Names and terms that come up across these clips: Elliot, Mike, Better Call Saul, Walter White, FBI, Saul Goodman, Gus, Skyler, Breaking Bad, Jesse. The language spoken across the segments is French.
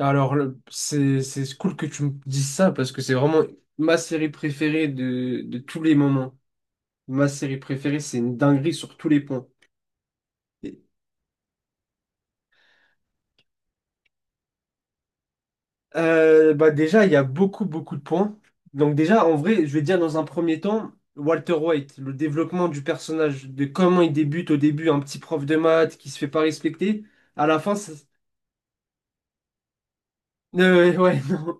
Alors, c'est cool que tu me dises ça parce que c'est vraiment ma série préférée de tous les moments. Ma série préférée, c'est une dinguerie sur tous les points. Et, bah déjà, il y a beaucoup, beaucoup de points. Donc déjà, en vrai, je vais dire dans un premier temps, Walter White, le développement du personnage, de comment il débute au début, un petit prof de maths qui se fait pas respecter. À la fin, ouais, non.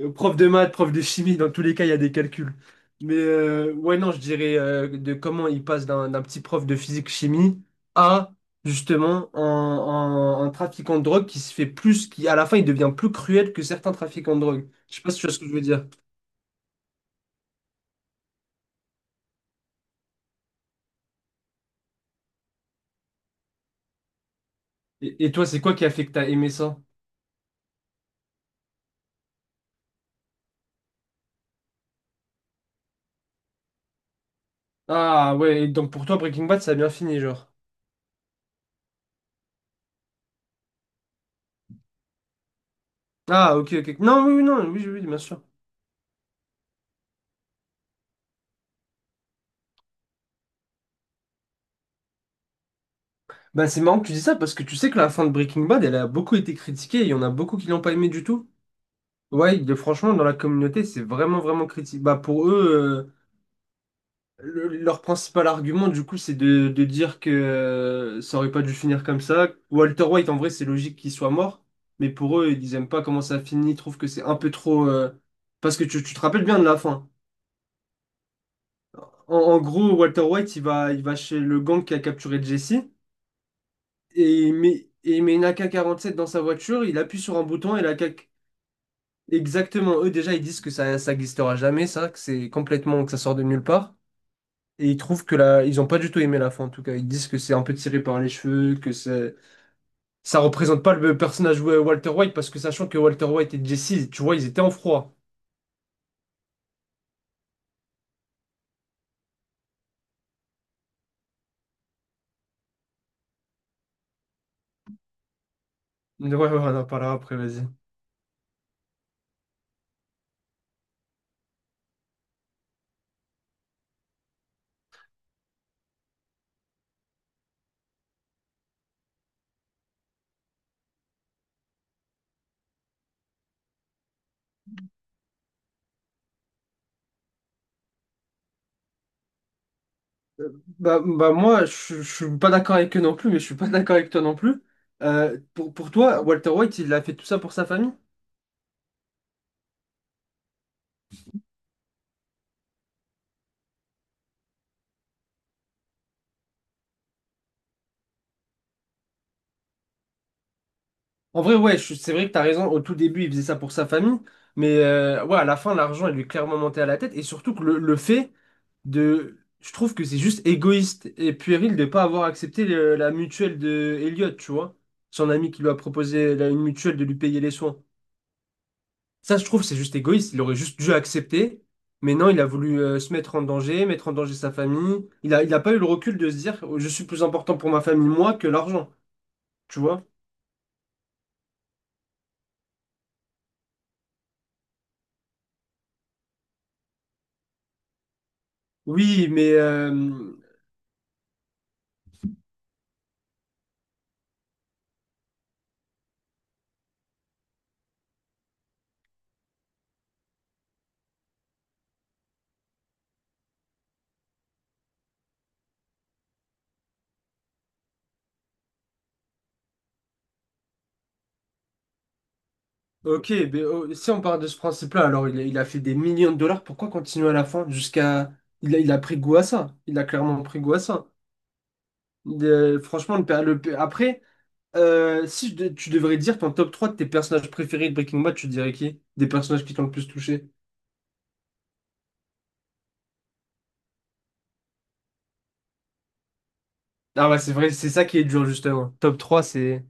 Prof de maths, prof de chimie, dans tous les cas, il y a des calculs. Mais ouais, non, je dirais de comment il passe d'un petit prof de physique-chimie à justement un trafiquant de drogue qui se fait plus, qui à la fin, il devient plus cruel que certains trafiquants de drogue. Je sais pas si tu vois ce que je veux dire. Et toi, c'est quoi qui a fait que t'as aimé ça? Ah ouais, et donc pour toi, Breaking Bad, ça a bien fini, genre. Ah, ok, ok. Non, oui, oui, non, oui, oui, oui, bien sûr. Bah, c'est marrant que tu dis ça parce que tu sais que la fin de Breaking Bad, elle a beaucoup été critiquée et il y en a beaucoup qui l'ont pas aimé du tout. Ouais, franchement, dans la communauté, c'est vraiment, vraiment critique. Bah, pour eux, leur principal argument, du coup, c'est de dire que ça aurait pas dû finir comme ça. Walter White, en vrai, c'est logique qu'il soit mort, mais pour eux, ils aiment pas comment ça finit, ils trouvent que c'est un peu trop parce que tu te rappelles bien de la fin. En gros, Walter White, il va chez le gang qui a capturé Jesse, et il met une AK-47 dans sa voiture, il appuie sur un bouton, et la AK... Exactement, eux déjà, ils disent que ça glissera jamais, ça, que c'est complètement, que ça sort de nulle part. Et ils trouvent que la... ils ont pas du tout aimé la fin, en tout cas. Ils disent que c'est un peu tiré par les cheveux, que c'est... ça représente pas le personnage de Walter White, parce que sachant que Walter White et Jesse, tu vois, ils étaient en froid. Mais ouais, ouais, on en parlera après, vas-y. Bah, bah moi, je suis pas d'accord avec eux non plus, mais je suis pas d'accord avec toi non plus. Pour toi, Walter White, il a fait tout ça pour sa famille? En vrai, ouais, c'est vrai que t'as raison. Au tout début, il faisait ça pour sa famille. Mais ouais, à la fin, l'argent, il lui est clairement monté à la tête. Et surtout que le fait de. Je trouve que c'est juste égoïste et puéril de pas avoir accepté la mutuelle de Elliot, tu vois. Son ami qui lui a proposé une mutuelle de lui payer les soins. Ça, je trouve, c'est juste égoïste. Il aurait juste dû accepter. Mais non, il a voulu se mettre en danger sa famille. Il a pas eu le recul de se dire, je suis plus important pour ma famille, moi, que l'argent, tu vois. Oui, mais. Ok, mais si on part de ce principe-là, alors il a fait des millions de dollars, pourquoi continuer à la fin jusqu'à... Il a pris goût à ça, il a clairement pris goût à ça. Il est- franchement, après, si tu devrais dire ton top 3 de tes personnages préférés de Breaking Bad, tu dirais qui? Des personnages qui t'ont le plus touché? Ah ouais, c'est vrai, c'est ça qui est dur justement. Top trois, c'est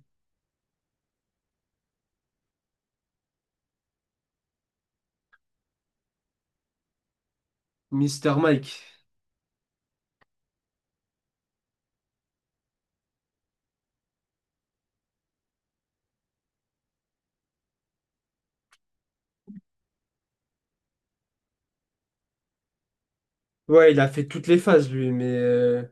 Mister Mike. Ouais, il a fait toutes les phases lui, mais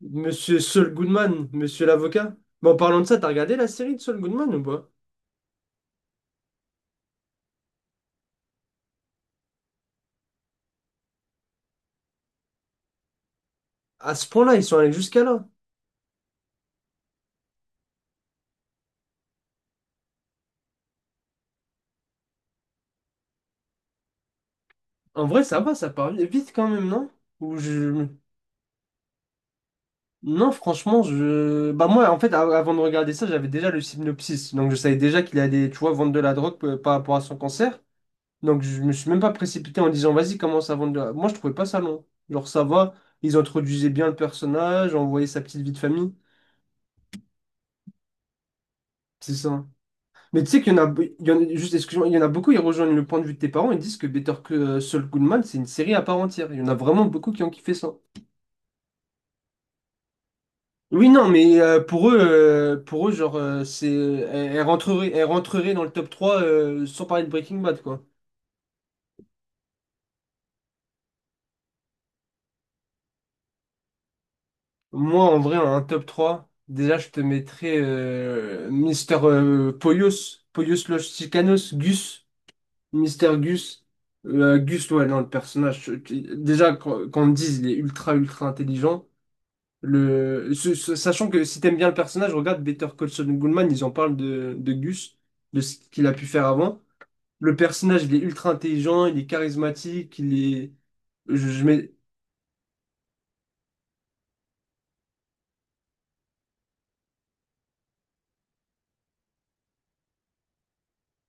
Monsieur Saul Goodman, Monsieur l'avocat. Mais en parlant de ça, t'as regardé la série de Saul Goodman ou pas? À ce point-là, ils sont allés jusqu'à là. En vrai, ça va, ça part vite quand même, non? Ou je... Non, franchement, je... Bah moi, en fait, avant de regarder ça, j'avais déjà le synopsis. Donc, je savais déjà qu'il allait, tu vois, vendre de la drogue par rapport à son cancer. Donc, je me suis même pas précipité en disant, vas-y, commence à vendre de la... Moi, je trouvais pas ça long. Genre, ça va, ils introduisaient bien le personnage, on voyait sa petite vie de famille. C'est ça. Mais tu sais qu'il y en a... il y en juste, excuse-moi, il y en a beaucoup, ils rejoignent le point de vue de tes parents et disent que Better que Saul Goodman, c'est une série à part entière. Il y en a vraiment beaucoup qui ont kiffé ça. Oui, non, mais pour eux, genre, elle, elle rentrerait dans le top 3 sans parler de Breaking Bad, quoi. Moi, en vrai, un top 3 déjà, je te mettrais Mister Polios, Polios Los Chicanos, Gus, Mister Gus. Gus, ouais, non, le personnage, déjà, quand on me dise, il est ultra, ultra intelligent. Le, sachant que si t'aimes bien le personnage, regarde Better Call Saul Goodman, ils en parlent de Gus, de ce qu'il a pu faire avant. Le personnage, il est ultra intelligent, il est charismatique, il est. Je mets.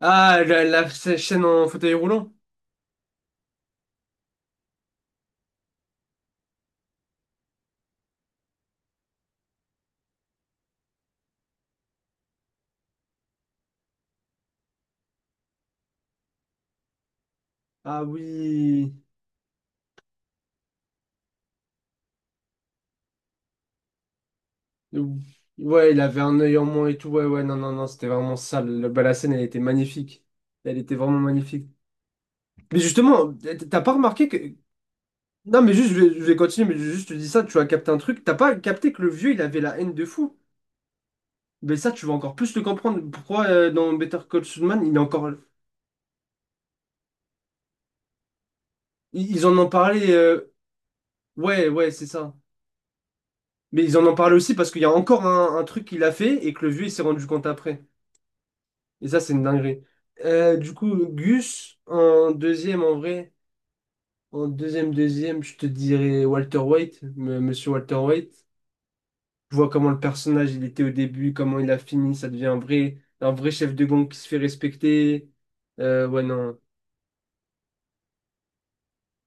Ah, la chaîne en fauteuil roulant? Ah oui. Ouh. Ouais, il avait un œil en moins et tout. Ouais, ouais, non, non, non, c'était vraiment sale. Bah, la scène, elle était magnifique. Elle était vraiment magnifique. Mais justement, t'as pas remarqué que. Non, mais juste, je vais continuer, mais juste, je te dis ça, tu as capté un truc. T'as pas capté que le vieux, il avait la haine de fou. Mais ça, tu vas encore plus le comprendre. Pourquoi dans Better Call Saul, man, il est encore. Ils en ont parlé. Ouais, ouais, c'est ça. Mais ils en ont parlé aussi parce qu'il y a encore un truc qu'il a fait et que le vieux il s'est rendu compte après. Et ça, c'est une dinguerie. Du coup, Gus, en deuxième en vrai, en deuxième, deuxième, je te dirais Walter White, monsieur Walter White. Je vois comment le personnage il était au début, comment il a fini, ça devient un vrai chef de gang qui se fait respecter. Ouais, non.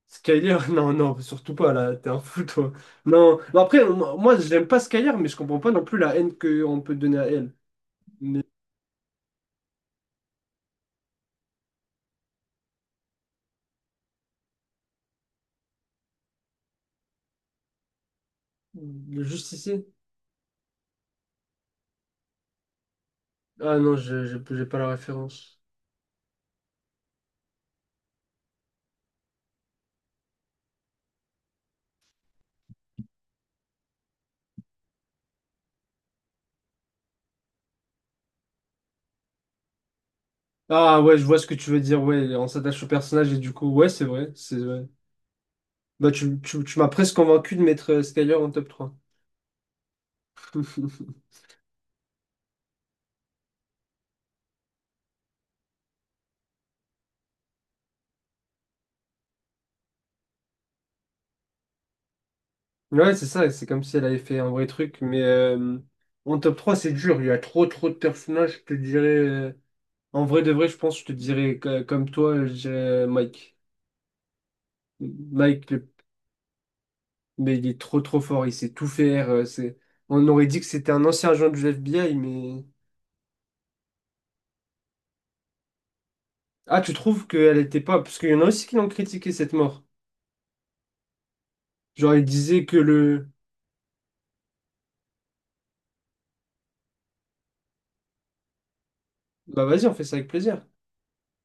Skyler, non, non, surtout pas là, t'es un fou toi. Non, mais après, moi, moi, j'aime pas Skyler, mais je comprends pas non plus la haine qu'on peut donner à elle. Mais le justicier. Ah non, j'ai pas la référence. Ah ouais, je vois ce que tu veux dire, ouais, on s'attache au personnage et du coup, ouais, c'est vrai, c'est vrai. Bah tu m'as presque convaincu de mettre Skyler en top trois. Ouais, c'est ça, c'est comme si elle avait fait un vrai truc, mais en top 3, c'est dur, il y a trop trop de personnages, je te dirais, en vrai de vrai, je pense, je te dirais, comme toi, je dirais Mike. Mike, mais il est trop trop fort, il sait tout faire, c'est... On aurait dit que c'était un ancien agent du FBI, mais... Ah, tu trouves qu'elle était pas... Parce qu'il y en a aussi qui l'ont critiqué, cette mort. Genre, ils disaient que le... Bah vas-y, on fait ça avec plaisir.